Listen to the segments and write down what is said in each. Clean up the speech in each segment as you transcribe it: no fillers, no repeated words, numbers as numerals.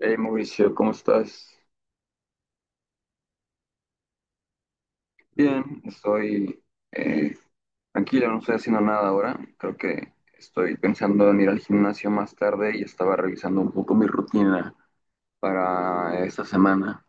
Hey Mauricio, ¿cómo estás? Bien, estoy eh, tranquilo, no estoy haciendo nada ahora. Creo que estoy pensando en ir al gimnasio más tarde y estaba revisando un poco mi rutina para esta semana.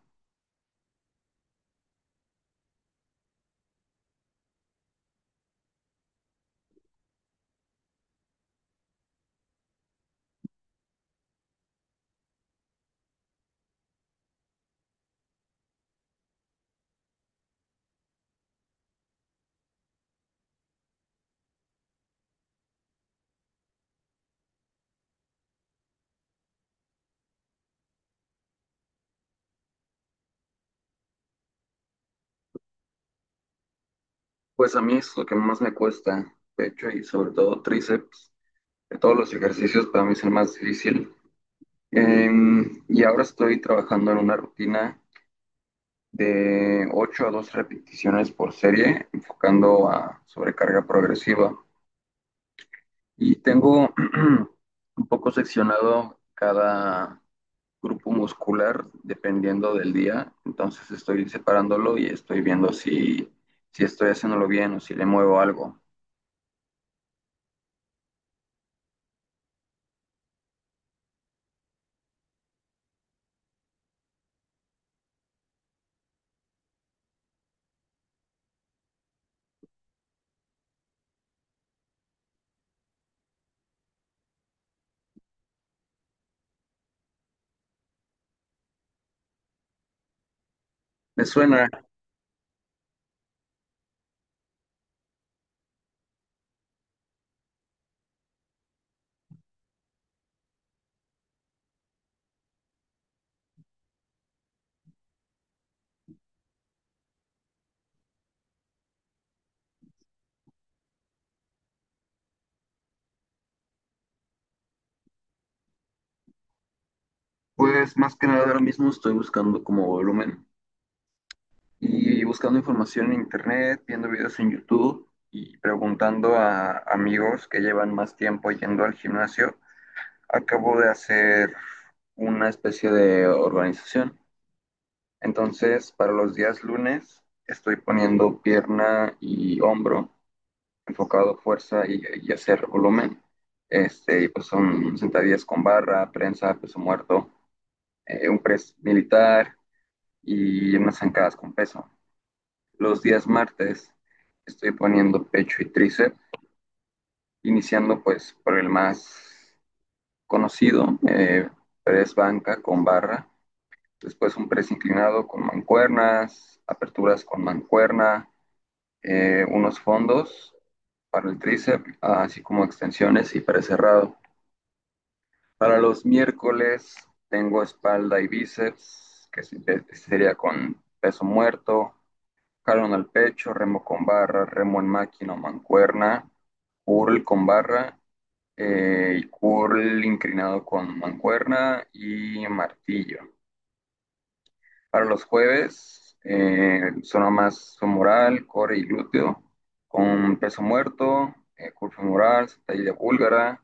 Pues a mí es lo que más me cuesta, pecho y sobre todo tríceps. De todos los ejercicios para mí es el más difícil. Y ahora estoy trabajando en una rutina de ocho a 12 repeticiones por serie, enfocando a sobrecarga progresiva. Y tengo un poco seccionado cada grupo muscular dependiendo del día. Entonces estoy separándolo y estoy viendo si estoy haciéndolo bien o si le muevo algo. Me suena, pues más que nada ahora mismo estoy buscando como volumen y buscando información en internet, viendo videos en YouTube y preguntando a amigos que llevan más tiempo yendo al gimnasio. Acabo de hacer una especie de organización. Entonces, para los días lunes estoy poniendo pierna y hombro, enfocado fuerza y hacer volumen. Y pues son sentadillas con barra, prensa, peso muerto, un press militar y unas zancadas con peso. Los días martes estoy poniendo pecho y tríceps, iniciando pues por el más conocido, press banca con barra, después un press inclinado con mancuernas, aperturas con mancuerna, unos fondos para el tríceps, así como extensiones y press cerrado. Para los miércoles tengo espalda y bíceps, que sería con peso muerto, jalón al pecho, remo con barra, remo en máquina o mancuerna, curl con barra, y curl inclinado con mancuerna y martillo. Para los jueves, zona más femoral, core y glúteo, con peso muerto, curva femoral, sentadilla búlgara,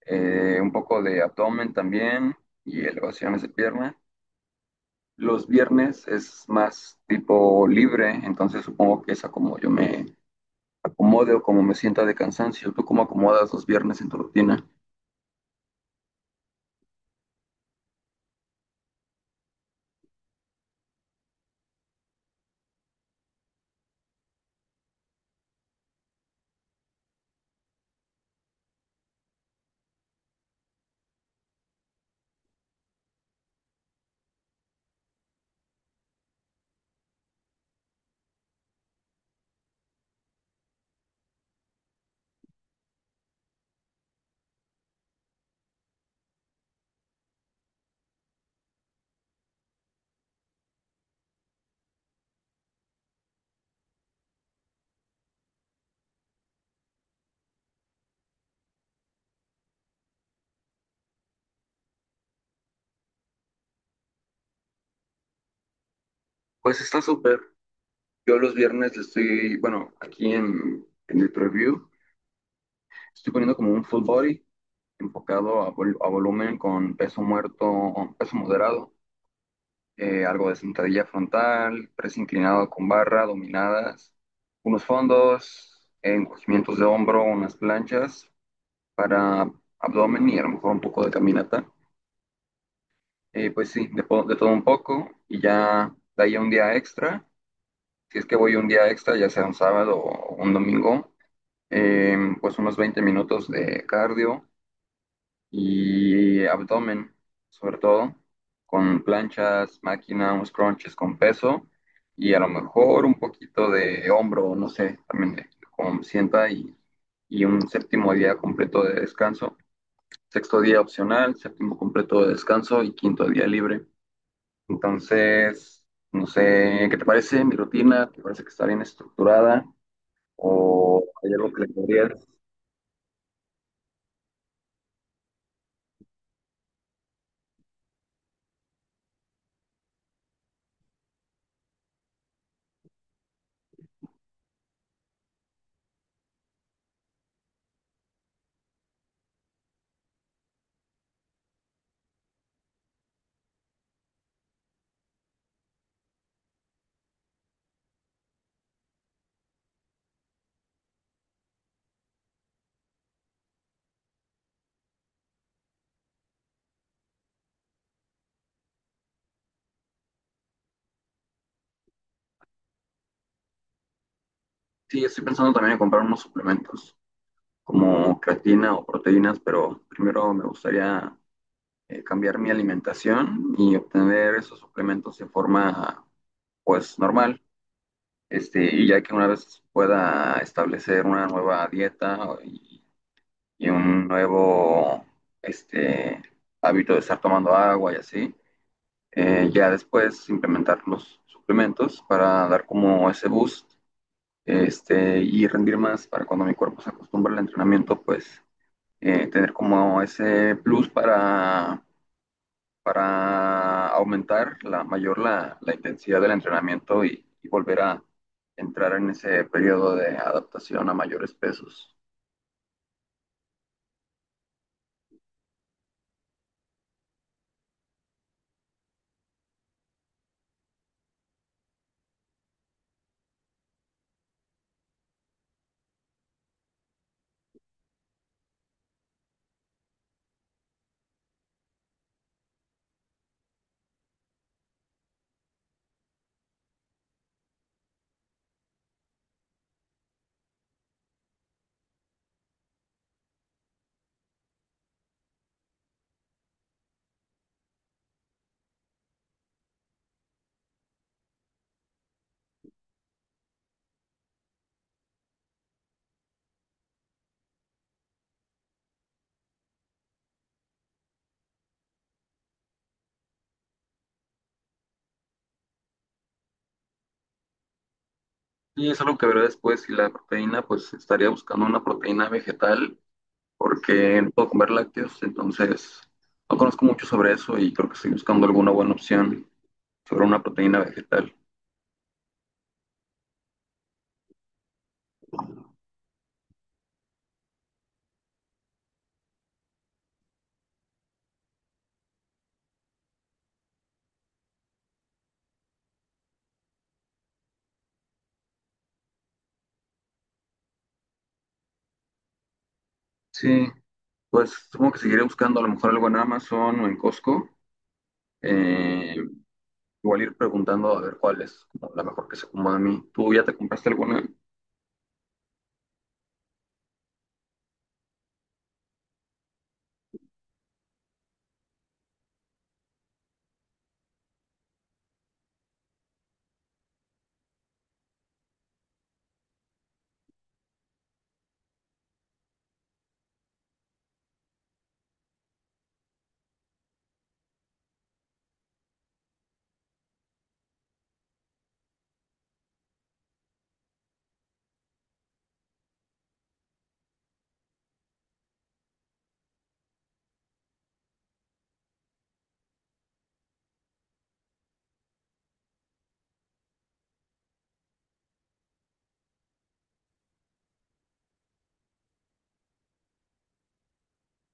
un poco de abdomen también y elevaciones de pierna. Los viernes es más tipo libre, entonces supongo que es a como yo me acomode o como me sienta de cansancio. ¿Tú cómo acomodas los viernes en tu rutina? Pues está súper. Yo los viernes le estoy, bueno, aquí en el preview, estoy poniendo como un full body enfocado a, a volumen con peso muerto, peso moderado, algo de sentadilla frontal, press inclinado con barra, dominadas, unos fondos, encogimientos de hombro, unas planchas para abdomen y a lo mejor un poco de caminata. Pues sí, de todo un poco y ya de ahí a un día extra. Si es que voy un día extra, ya sea un sábado o un domingo, pues unos 20 minutos de cardio y abdomen, sobre todo, con planchas, máquina, unos crunches con peso y a lo mejor un poquito de hombro, no sé, también de como sienta y un séptimo día completo de descanso. Sexto día opcional, séptimo completo de descanso y quinto día libre. Entonces, no sé, ¿qué te parece mi rutina? ¿Te parece que está bien estructurada? ¿O hay algo que le podrías? Sí, estoy pensando también en comprar unos suplementos, como creatina o proteínas, pero primero me gustaría cambiar mi alimentación y obtener esos suplementos de forma pues normal. Y ya que una vez pueda establecer una nueva dieta y un nuevo este, hábito de estar tomando agua y así, ya después implementar los suplementos para dar como ese boost, y rendir más para cuando mi cuerpo se acostumbre al entrenamiento, pues tener como ese plus para aumentar la mayor la intensidad del entrenamiento y volver a entrar en ese periodo de adaptación a mayores pesos. Y es algo que veré después. Si la proteína, pues estaría buscando una proteína vegetal porque no puedo comer lácteos, entonces no conozco mucho sobre eso y creo que estoy buscando alguna buena opción sobre una proteína vegetal. Sí, pues supongo que seguiré buscando a lo mejor algo en Amazon o en Costco. Eh, Igual ir preguntando a ver cuál es como la mejor que se acomoda a mí. ¿Tú ya te compraste alguna?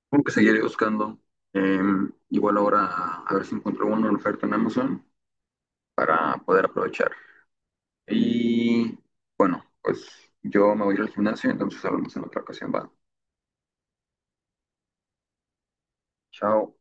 Tengo que seguir buscando. Eh, Igual ahora a ver si encuentro una oferta en Amazon para poder aprovechar. Y bueno, pues yo me voy a ir al gimnasio, entonces hablamos en otra ocasión. Va. Chao.